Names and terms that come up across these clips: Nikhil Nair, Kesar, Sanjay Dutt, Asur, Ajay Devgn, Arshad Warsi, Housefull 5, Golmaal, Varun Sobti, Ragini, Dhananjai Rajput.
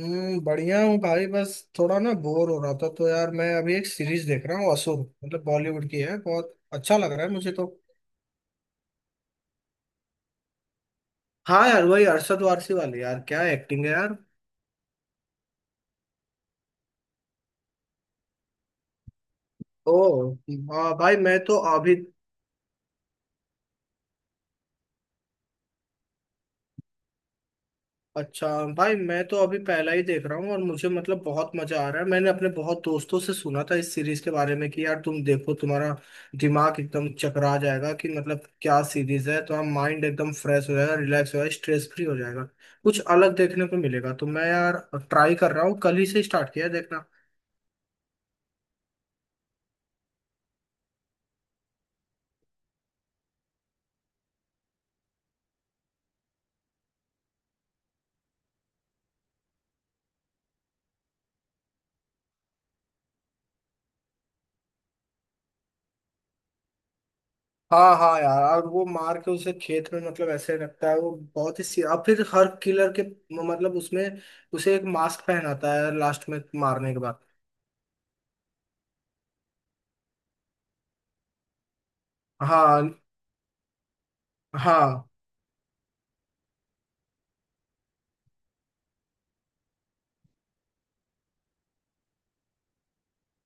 बढ़िया हूँ भाई। बस थोड़ा ना बोर हो रहा था तो यार, मैं अभी एक सीरीज देख रहा हूँ असुर। मतलब बॉलीवुड की है, बहुत अच्छा लग रहा है मुझे तो। हाँ यार, वही अरशद वारसी वाली। यार क्या एक्टिंग है यार। ओ। हाँ भाई, मैं तो अभी। अच्छा। भाई मैं तो अभी पहला ही देख रहा हूँ और मुझे मतलब बहुत मजा आ रहा है। मैंने अपने बहुत दोस्तों से सुना था इस सीरीज के बारे में कि यार तुम देखो, तुम्हारा दिमाग एकदम चकरा जाएगा कि मतलब क्या सीरीज है। तो हम माइंड एकदम फ्रेश हो जाएगा, रिलैक्स हो जाएगा, स्ट्रेस फ्री हो जाएगा, कुछ अलग देखने को मिलेगा। तो मैं यार ट्राई कर रहा हूँ, कल ही से स्टार्ट किया है देखना। हाँ हाँ यार, और वो मार के उसे खेत में मतलब ऐसे रखता है। वो बहुत ही और फिर हर किलर के मतलब उसमें उसे एक मास्क पहनाता है लास्ट में मारने के बाद। हाँ हाँ।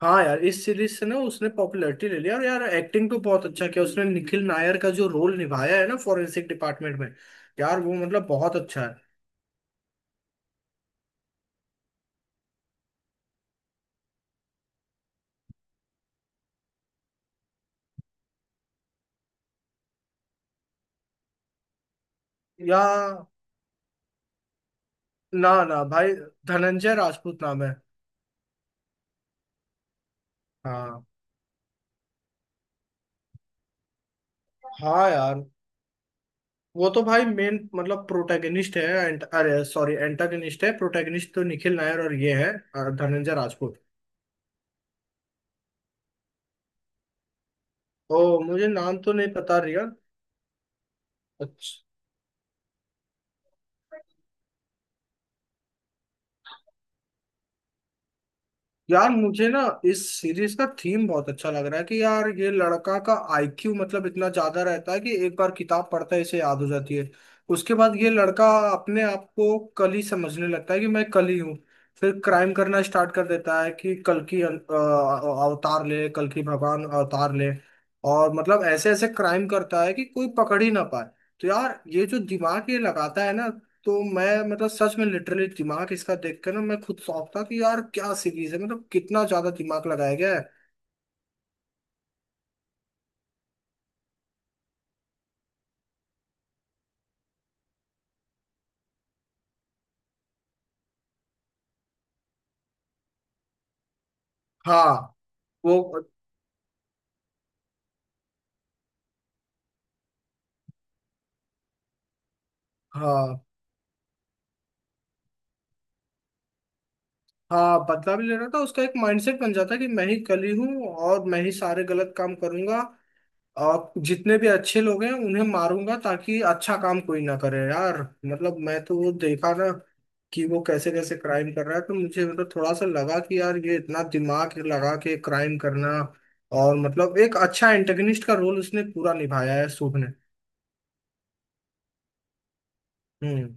हाँ यार, इस सीरीज से ना उसने पॉपुलैरिटी ले लिया। और यार एक्टिंग तो बहुत अच्छा किया उसने, निखिल नायर का जो रोल निभाया है ना फॉरेंसिक डिपार्टमेंट में, यार वो मतलब बहुत अच्छा है। या ना ना भाई, धनंजय राजपूत नाम है। हाँ हाँ यार, वो तो भाई मेन मतलब प्रोटैगनिस्ट है। अरे सॉरी एंटागनिस्ट है। प्रोटैगनिस्ट तो निखिल नायर और ये है धनंजय राजपूत। ओ, मुझे नाम तो नहीं पता रिया। अच्छा। यार मुझे ना इस सीरीज का थीम बहुत अच्छा लग रहा है कि यार ये लड़का का IQ मतलब इतना ज्यादा रहता है कि एक बार किताब पढ़ता है, इसे याद हो जाती है। उसके बाद ये लड़का अपने आप को कली समझने लगता है कि मैं कली हूँ। फिर क्राइम करना स्टार्ट कर देता है कि कल की अवतार ले, कल की भगवान अवतार ले। और मतलब ऐसे ऐसे क्राइम करता है कि कोई पकड़ ही ना पाए। तो यार ये जो दिमाग ये लगाता है ना, तो मैं मतलब सच में लिटरली दिमाग इसका देख कर ना मैं खुद शौक था कि यार क्या सीरीज है, मतलब कितना ज्यादा दिमाग लगाया गया है। हाँ। वो हाँ हाँ, बदला भी ले रहा था। उसका एक माइंडसेट बन जाता है कि मैं ही कली हूँ और मैं ही सारे गलत काम करूंगा। आप जितने भी अच्छे लोग हैं उन्हें मारूंगा ताकि अच्छा काम कोई ना करे यार। मतलब मैं तो वो देखा ना कि वो कैसे कैसे क्राइम कर रहा है। तो मुझे मतलब थोड़ा सा लगा कि यार ये इतना दिमाग लगा के क्राइम करना। और मतलब एक अच्छा एंटेगनिस्ट का रोल उसने पूरा निभाया है शुभ ने। हम्म।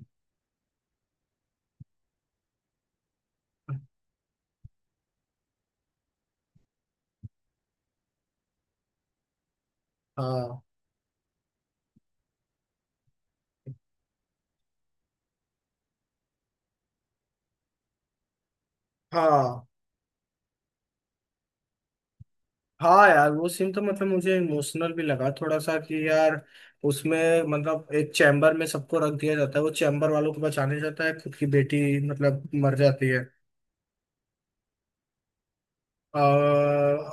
हाँ हाँ हाँ यार, वो सीन तो मतलब मुझे इमोशनल भी लगा थोड़ा सा कि यार उसमें मतलब एक चैम्बर में सबको रख दिया जाता है, वो चैम्बर वालों को बचाने जाता है, खुद की बेटी मतलब मर जाती है।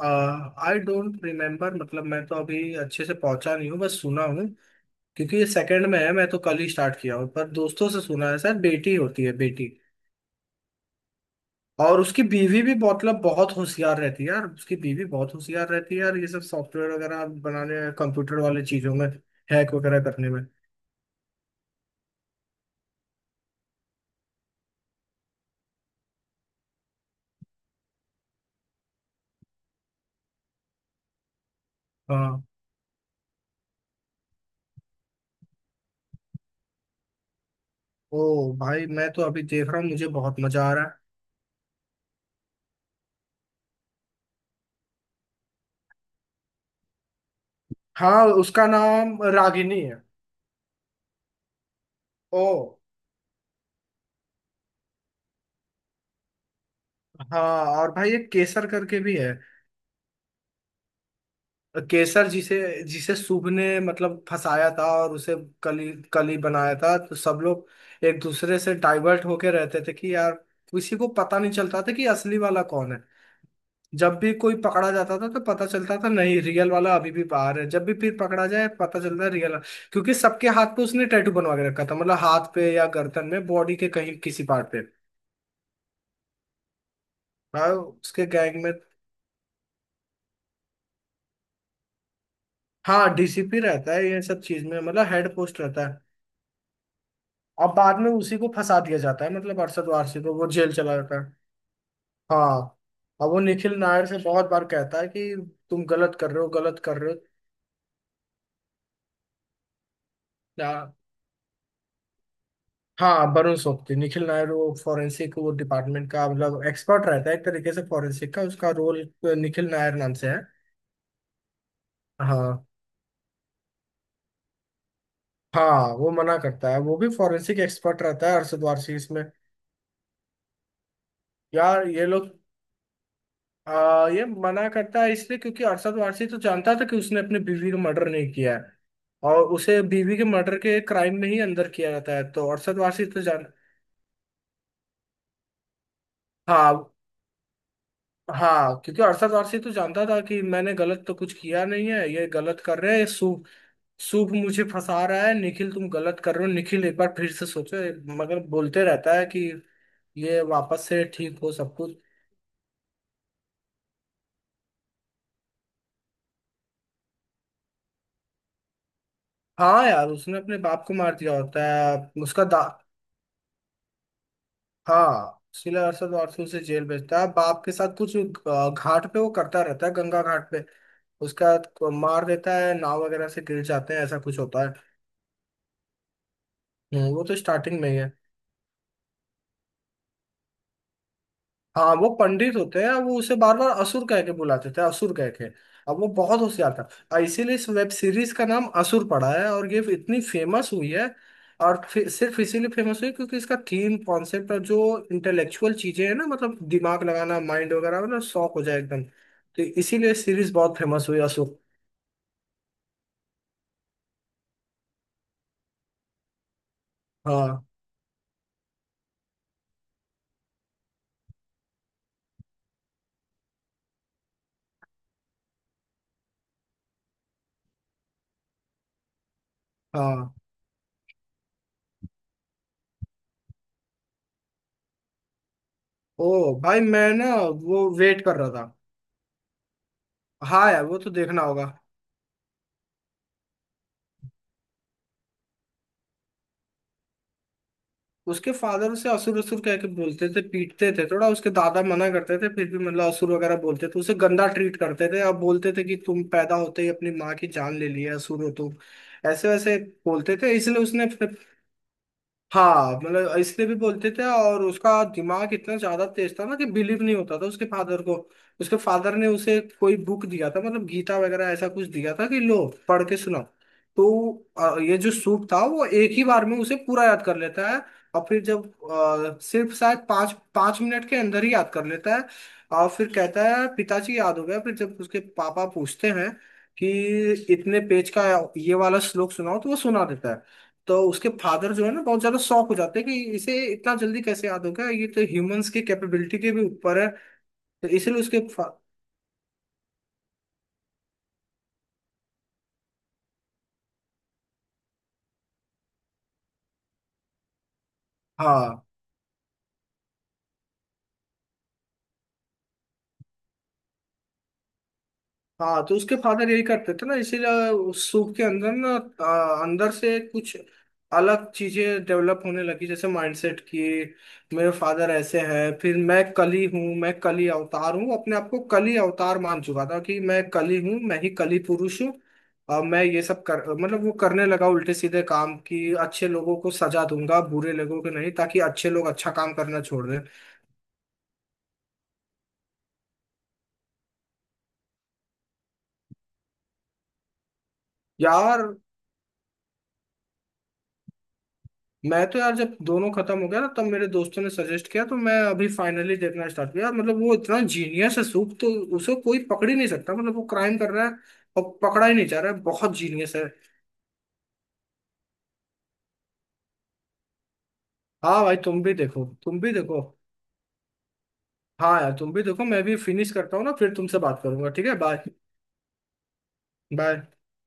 I don't remember. मतलब मैं तो अभी अच्छे से पहुंचा नहीं हूँ, बस सुना हूँ क्योंकि ये सेकंड में है, मैं तो कल ही स्टार्ट किया हूँ। पर दोस्तों से सुना है सर, बेटी होती है बेटी। और उसकी बीवी भी मतलब बहुत होशियार रहती है यार। उसकी बीवी बहुत होशियार रहती है यार, ये सब सॉफ्टवेयर वगैरह बनाने, कंप्यूटर वाले चीजों में, हैक वगैरह करने में। हाँ। ओ भाई मैं तो अभी देख रहा हूँ, मुझे बहुत मजा आ रहा है। हाँ, उसका नाम रागिनी है। ओ। हाँ, और भाई एक केसर करके भी है। केसर जिसे जिसे शुभ ने मतलब फंसाया था, और उसे कली कली बनाया था। तो सब लोग एक दूसरे से डाइवर्ट होके रहते थे कि यार किसी को पता नहीं चलता था कि असली वाला कौन है। जब भी कोई पकड़ा जाता था तो पता चलता था, नहीं रियल वाला अभी भी बाहर है। जब भी फिर पकड़ा जाए, पता चलता है रियल। क्योंकि सबके हाथ पे उसने टैटू बनवा के रखा था, मतलब हाथ पे या गर्दन में, बॉडी के कहीं किसी पार्ट पे। हाँ, उसके गैंग में। हाँ, DCP रहता है ये सब चीज में, मतलब हेड पोस्ट रहता है। अब बाद में उसी को फंसा दिया जाता है, मतलब अरशद वारसी को। वो जेल चला जाता है। हाँ। अब वो निखिल नायर से बहुत बार कहता है कि तुम गलत कर रहे हो, गलत कर रहे हो। हाँ, वरुण सोबती निखिल नायर वो फॉरेंसिक, वो डिपार्टमेंट का मतलब एक्सपर्ट रहता है, एक तरीके से फॉरेंसिक का उसका रोल। निखिल नायर नाम से है। हाँ हाँ, वो मना करता है। वो भी फॉरेंसिक एक्सपर्ट रहता है अरशद वारसी इसमें। यार ये लोग ये मना करता है इसलिए क्योंकि अरशद वारसी तो जानता था कि उसने अपनी बीवी का मर्डर नहीं किया है। और उसे बीवी के मर्डर के क्राइम में ही अंदर किया जाता है, तो अरशद वारसी तो जान हाँ हाँ, क्योंकि अरशद वारसी तो जानता था कि मैंने गलत तो कुछ किया नहीं है, ये गलत कर रहे हैं। ये सू सूप मुझे फंसा रहा है। निखिल तुम गलत कर रहे हो, निखिल एक बार फिर से सोचो। मगर बोलते रहता है कि ये वापस से ठीक हो सब कुछ। हाँ यार, उसने अपने बाप को मार दिया होता है। उसका दा हाँ सिला अरशद वारसी उसे जेल भेजता है। बाप के साथ कुछ घाट पे वो करता रहता है, गंगा घाट पे उसका। मार देता है, नाव वगैरह से गिर जाते हैं, ऐसा कुछ होता है। वो तो स्टार्टिंग में ही है। हाँ, वो पंडित होते हैं। वो उसे बार बार असुर कह के बुलाते थे, असुर कह के। अब वो बहुत होशियार था, और इसीलिए इस वेब सीरीज का नाम असुर पड़ा है, और ये इतनी फेमस हुई है। और सिर्फ इसीलिए फेमस हुई क्योंकि इसका थीम कॉन्सेप्ट और जो इंटेलेक्चुअल चीजें हैं ना मतलब दिमाग लगाना, माइंड वगैरह हो ना शौक हो जाए एकदम, तो इसीलिए सीरीज बहुत फेमस हुई असुर। हाँ हाँ। ओ भाई, मैं ना वो वेट कर रहा था। हाँ यार, वो तो देखना होगा। उसके फादर उसे असुर असुर कह के बोलते थे, पीटते थे थोड़ा। उसके दादा मना करते थे फिर भी मतलब असुर वगैरह बोलते थे, उसे गंदा ट्रीट करते थे। अब बोलते थे कि तुम पैदा होते ही अपनी माँ की जान ले लिए, असुर हो तुम ऐसे वैसे बोलते थे। इसलिए उसने अपने। हाँ मतलब इसलिए भी बोलते थे, और उसका दिमाग इतना ज्यादा तेज था ना कि बिलीव नहीं होता था उसके फादर को। उसके फादर ने उसे कोई बुक दिया था मतलब गीता वगैरह, ऐसा कुछ दिया था कि लो पढ़ के सुनाओ। तो ये जो सूप था वो एक ही बार में उसे पूरा याद कर लेता है। और फिर जब सिर्फ शायद पाँच पाँच मिनट के अंदर ही याद कर लेता है। और फिर कहता है पिताजी याद हो गया। फिर जब उसके पापा पूछते हैं कि इतने पेज का ये वाला श्लोक सुनाओ, तो वो सुना देता है। तो उसके फादर जो है ना बहुत ज्यादा शॉक हो जाते हैं कि इसे इतना जल्दी कैसे याद होगा, ये तो ह्यूमंस की कैपेबिलिटी के भी ऊपर है। तो इसलिए उसके हाँ हाँ, तो उसके फादर यही करते थे ना, इसीलिए उस सूप के अंदर ना अंदर से कुछ अलग चीजें डेवलप होने लगी। जैसे माइंडसेट की, मेरे फादर ऐसे हैं, फिर मैं कली हूँ, मैं कली अवतार हूँ। अपने आप को कली अवतार मान चुका था कि मैं कली हूँ, मैं ही कली पुरुष हूँ। और मैं ये सब कर मतलब वो करने लगा उल्टे सीधे काम कि अच्छे लोगों को सजा दूंगा, बुरे लोगों को नहीं, ताकि अच्छे लोग अच्छा काम करना छोड़ दें। यार मैं तो यार, जब दोनों खत्म हो गया ना तब मेरे दोस्तों ने सजेस्ट किया, तो मैं अभी फाइनली देखना स्टार्ट किया। मतलब वो इतना जीनियस है सूप तो, उसे कोई पकड़ ही नहीं सकता। मतलब वो क्राइम कर रहा है और पकड़ा ही नहीं जा रहा है, बहुत जीनियस है। हाँ भाई, तुम भी देखो तुम भी देखो। हाँ यार, तुम भी देखो। मैं भी फिनिश करता हूँ ना, फिर तुमसे बात करूंगा। ठीक है, बाय। बाय।